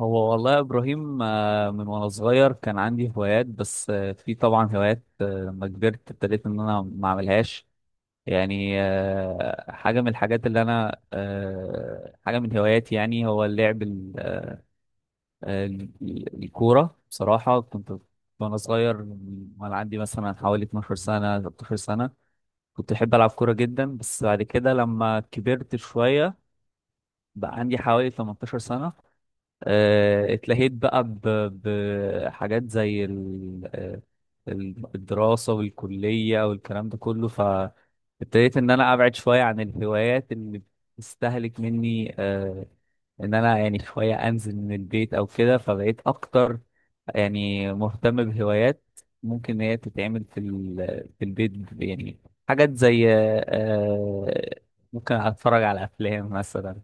هو والله يا ابراهيم، من وانا صغير كان عندي هوايات، بس في طبعا هوايات. لما كبرت ابتديت ان انا ما اعملهاش. يعني حاجه من الحاجات اللي انا حاجه من هواياتي، يعني هو اللعب الكوره. بصراحه كنت وانا صغير، وانا عندي مثلا حوالي 12 سنه 13 سنه، كنت احب العب كوره جدا. بس بعد كده لما كبرت شويه، بقى عندي حوالي 18 سنه، اتلهيت بقى بحاجات زي الدراسة والكلية والكلام ده كله. فابتديت إن أنا أبعد شوية عن الهوايات اللي بتستهلك مني. إن أنا يعني شوية أنزل من البيت أو كده، فبقيت أكتر يعني مهتم بهوايات ممكن إن هي تتعمل في في البيت، يعني حاجات زي ممكن أتفرج على أفلام مثلا،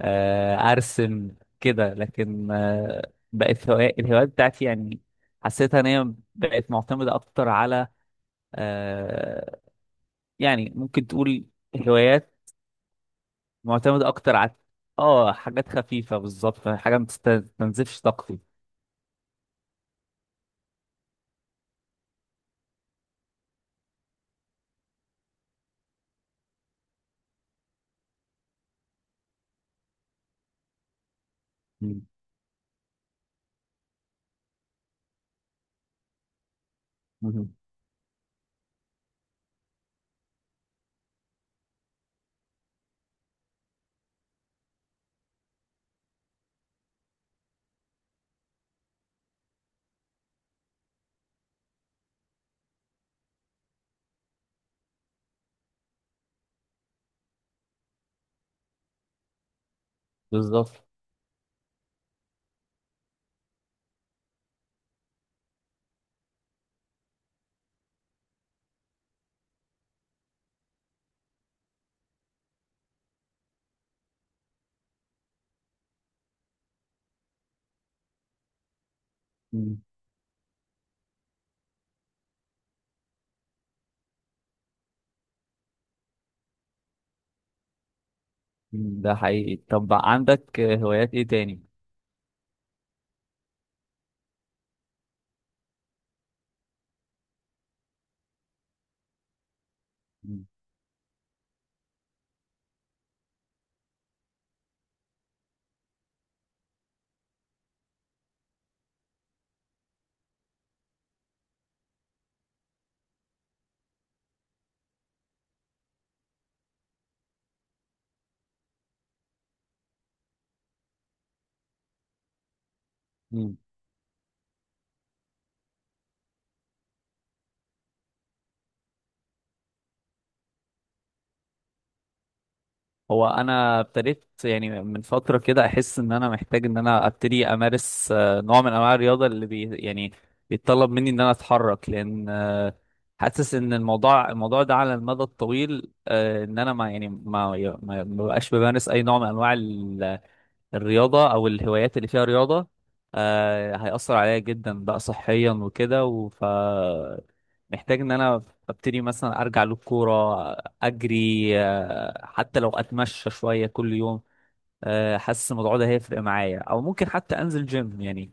ارسم كده. لكن بقت الهوايات بتاعتي يعني حسيتها ان هي بقت معتمده اكتر على آه، يعني ممكن تقول هوايات معتمده اكتر على اه حاجات خفيفه، بالظبط حاجه ما تستنزفش طاقتي. مم، مم، بالظبط. مم، مم، ده حقيقي. طب عندك هوايات ايه تاني؟ مم، هو انا ابتديت يعني من فتره كده احس ان انا محتاج ان انا ابتدي امارس نوع من انواع الرياضه اللي بي يعني بيتطلب مني ان انا اتحرك. لان حاسس ان الموضوع ده على المدى الطويل، ان انا ما يعني ما بقاش بمارس اي نوع من انواع الرياضة أو الهوايات اللي فيها رياضة، آه هيأثر عليا جدا بقى صحيا وكده. وف محتاج إن أنا أبتدي مثلا أرجع للكورة، أجري، آه حتى لو أتمشى شوية كل يوم. آه حاسس الموضوع ده هيفرق معايا، أو ممكن حتى أنزل جيم يعني.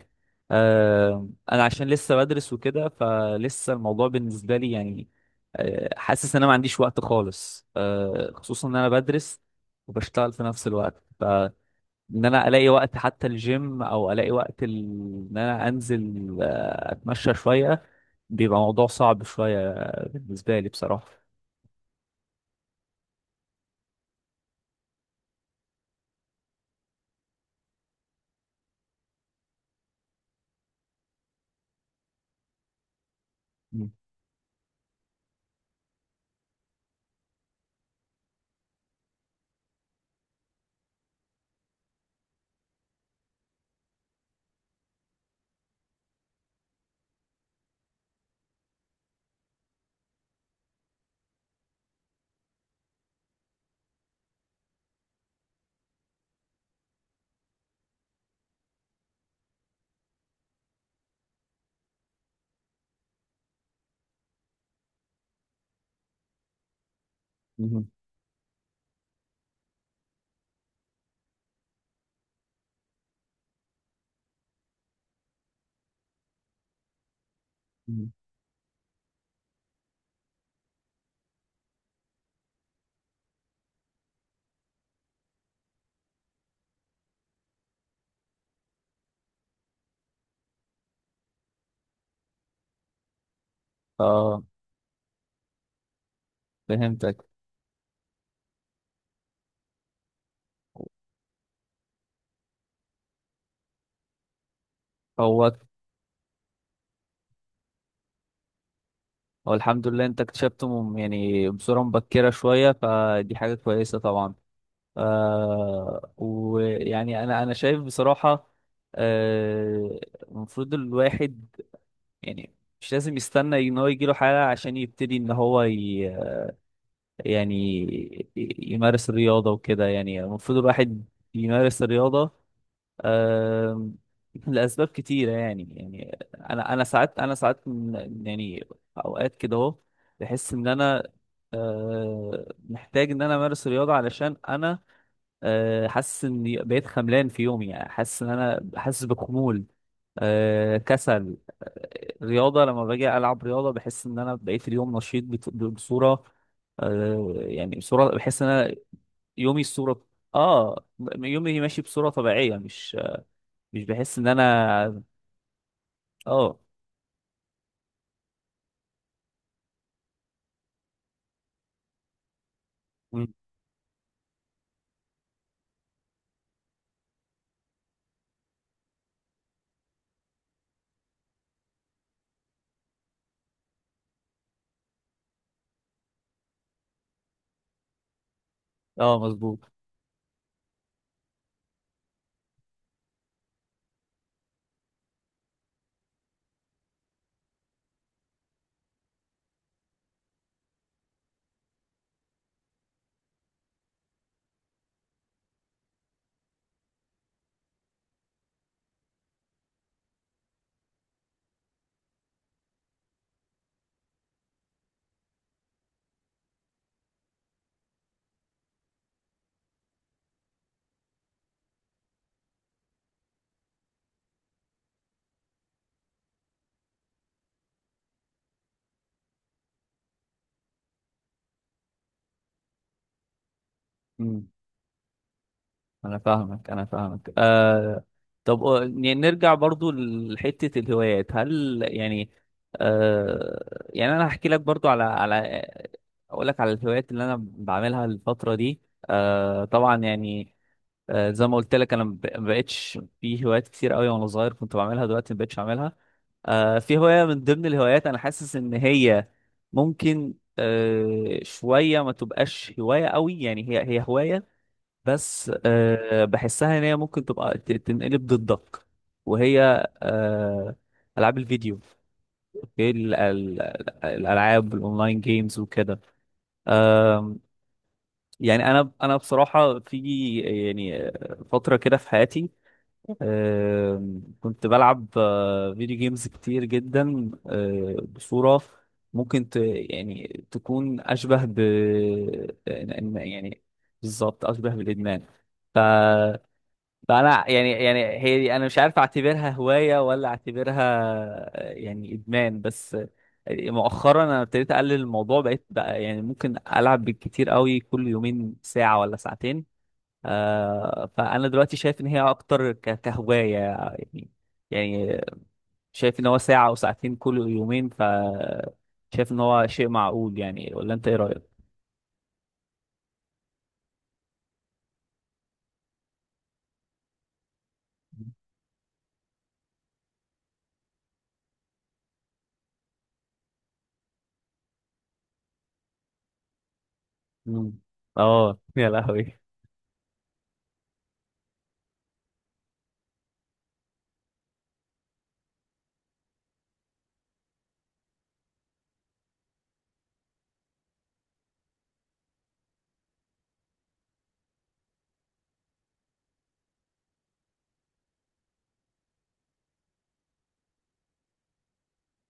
آه أنا عشان لسه بدرس وكده، فلسه الموضوع بالنسبة لي يعني آه حاسس إن أنا ما عنديش وقت خالص، آه خصوصا إن أنا بدرس وبشتغل في نفس الوقت. ان انا الاقي وقت حتى الجيم او الاقي وقت ان انا انزل اتمشى شويه، بيبقى موضوع صعب شويه بالنسبه لي بصراحه. مم. مم. مم. اه فهمتك. هو هو الحمد لله انت اكتشفته يعني بصوره مبكره شويه، فدي حاجه كويسه طبعا. آه ويعني انا شايف بصراحه، آه، المفروض الواحد يعني مش لازم يستنى ان هو يجيله حاله عشان يبتدي ان هو ي... يعني يمارس الرياضة وكده. يعني المفروض الواحد يمارس الرياضة آم، لأسباب كتيرة. يعني يعني أنا ساعات ساعات يعني أوقات كده أهو بحس إن أنا محتاج إن أنا أمارس الرياضة. علشان أنا حاسس اني بقيت خملان في يومي، يعني حاسس ان انا حاسس بخمول، كسل. رياضة لما باجي ألعب رياضة بحس إن أنا بقيت اليوم نشيط بصورة يعني بصورة بحس إن أنا يومي الصورة آه يومي ماشي بصورة طبيعية، مش مش بحس إن أنا آه. مم. آه مظبوط. انا فاهمك، آه. طب نرجع برضو لحتة الهوايات. هل يعني آه يعني انا هحكي لك برضو على اقول لك على الهوايات اللي انا بعملها الفترة دي. آه طبعا يعني زي ما قلت لك انا ما بقتش في هوايات كتير قوي وانا صغير كنت بعملها، دلوقتي ما بقتش اعملها. آه في هواية من ضمن الهوايات انا حاسس ان هي ممكن شوية ما تبقاش هواية قوي يعني. هي هواية بس بحسها ان هي ممكن تبقى تنقلب ضدك، وهي آه، العاب الفيديو. اوكي الالعاب الاونلاين جيمز وكده. آه، يعني انا بصراحه في يعني فتره كده في حياتي، كنت بلعب فيديو جيمز كتير جدا بصوره ممكن ت يعني تكون اشبه ب يعني بالظبط اشبه بالادمان. ف فانا يعني يعني هي دي انا مش عارف اعتبرها هوايه ولا اعتبرها يعني ادمان. بس مؤخرا انا ابتديت اقلل الموضوع، بقيت بقى يعني ممكن العب بالكتير قوي كل يومين ساعه ولا ساعتين. آه فانا دلوقتي شايف ان هي اكتر كهوايه يعني. يعني شايف ان هو ساعه او ساعتين كل يومين، ف شايف ان هو شيء معقول يعني، ولا انت ايه رايك؟ مم. اه يا لهوي.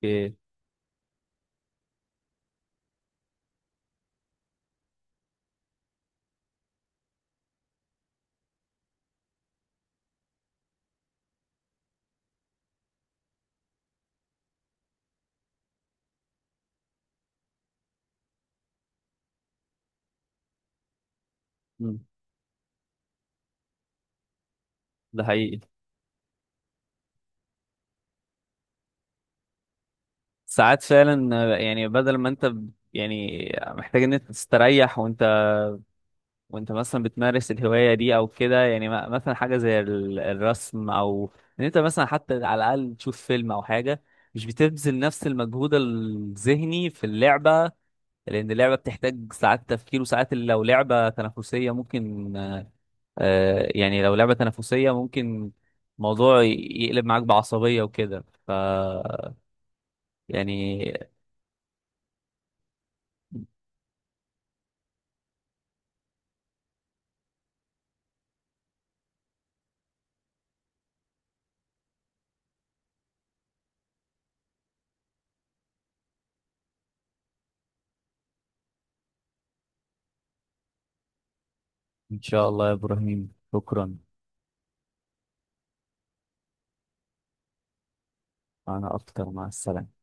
إيه. مم. ده حقيقي. ساعات فعلا يعني بدل ما انت يعني محتاج ان انت تستريح، وانت مثلا بتمارس الهواية دي او كده يعني، مثلا حاجة زي الرسم، او ان انت مثلا حتى على الاقل تشوف فيلم او حاجة، مش بتبذل نفس المجهود الذهني في اللعبة. لان اللعبة بتحتاج ساعات تفكير، وساعات لو لعبة تنافسية ممكن لو لعبة تنافسية ممكن موضوع يقلب معاك بعصبية وكده. ف يعني إن شاء الله يا إبراهيم، شكرا. أنا أكتر، مع السلامة.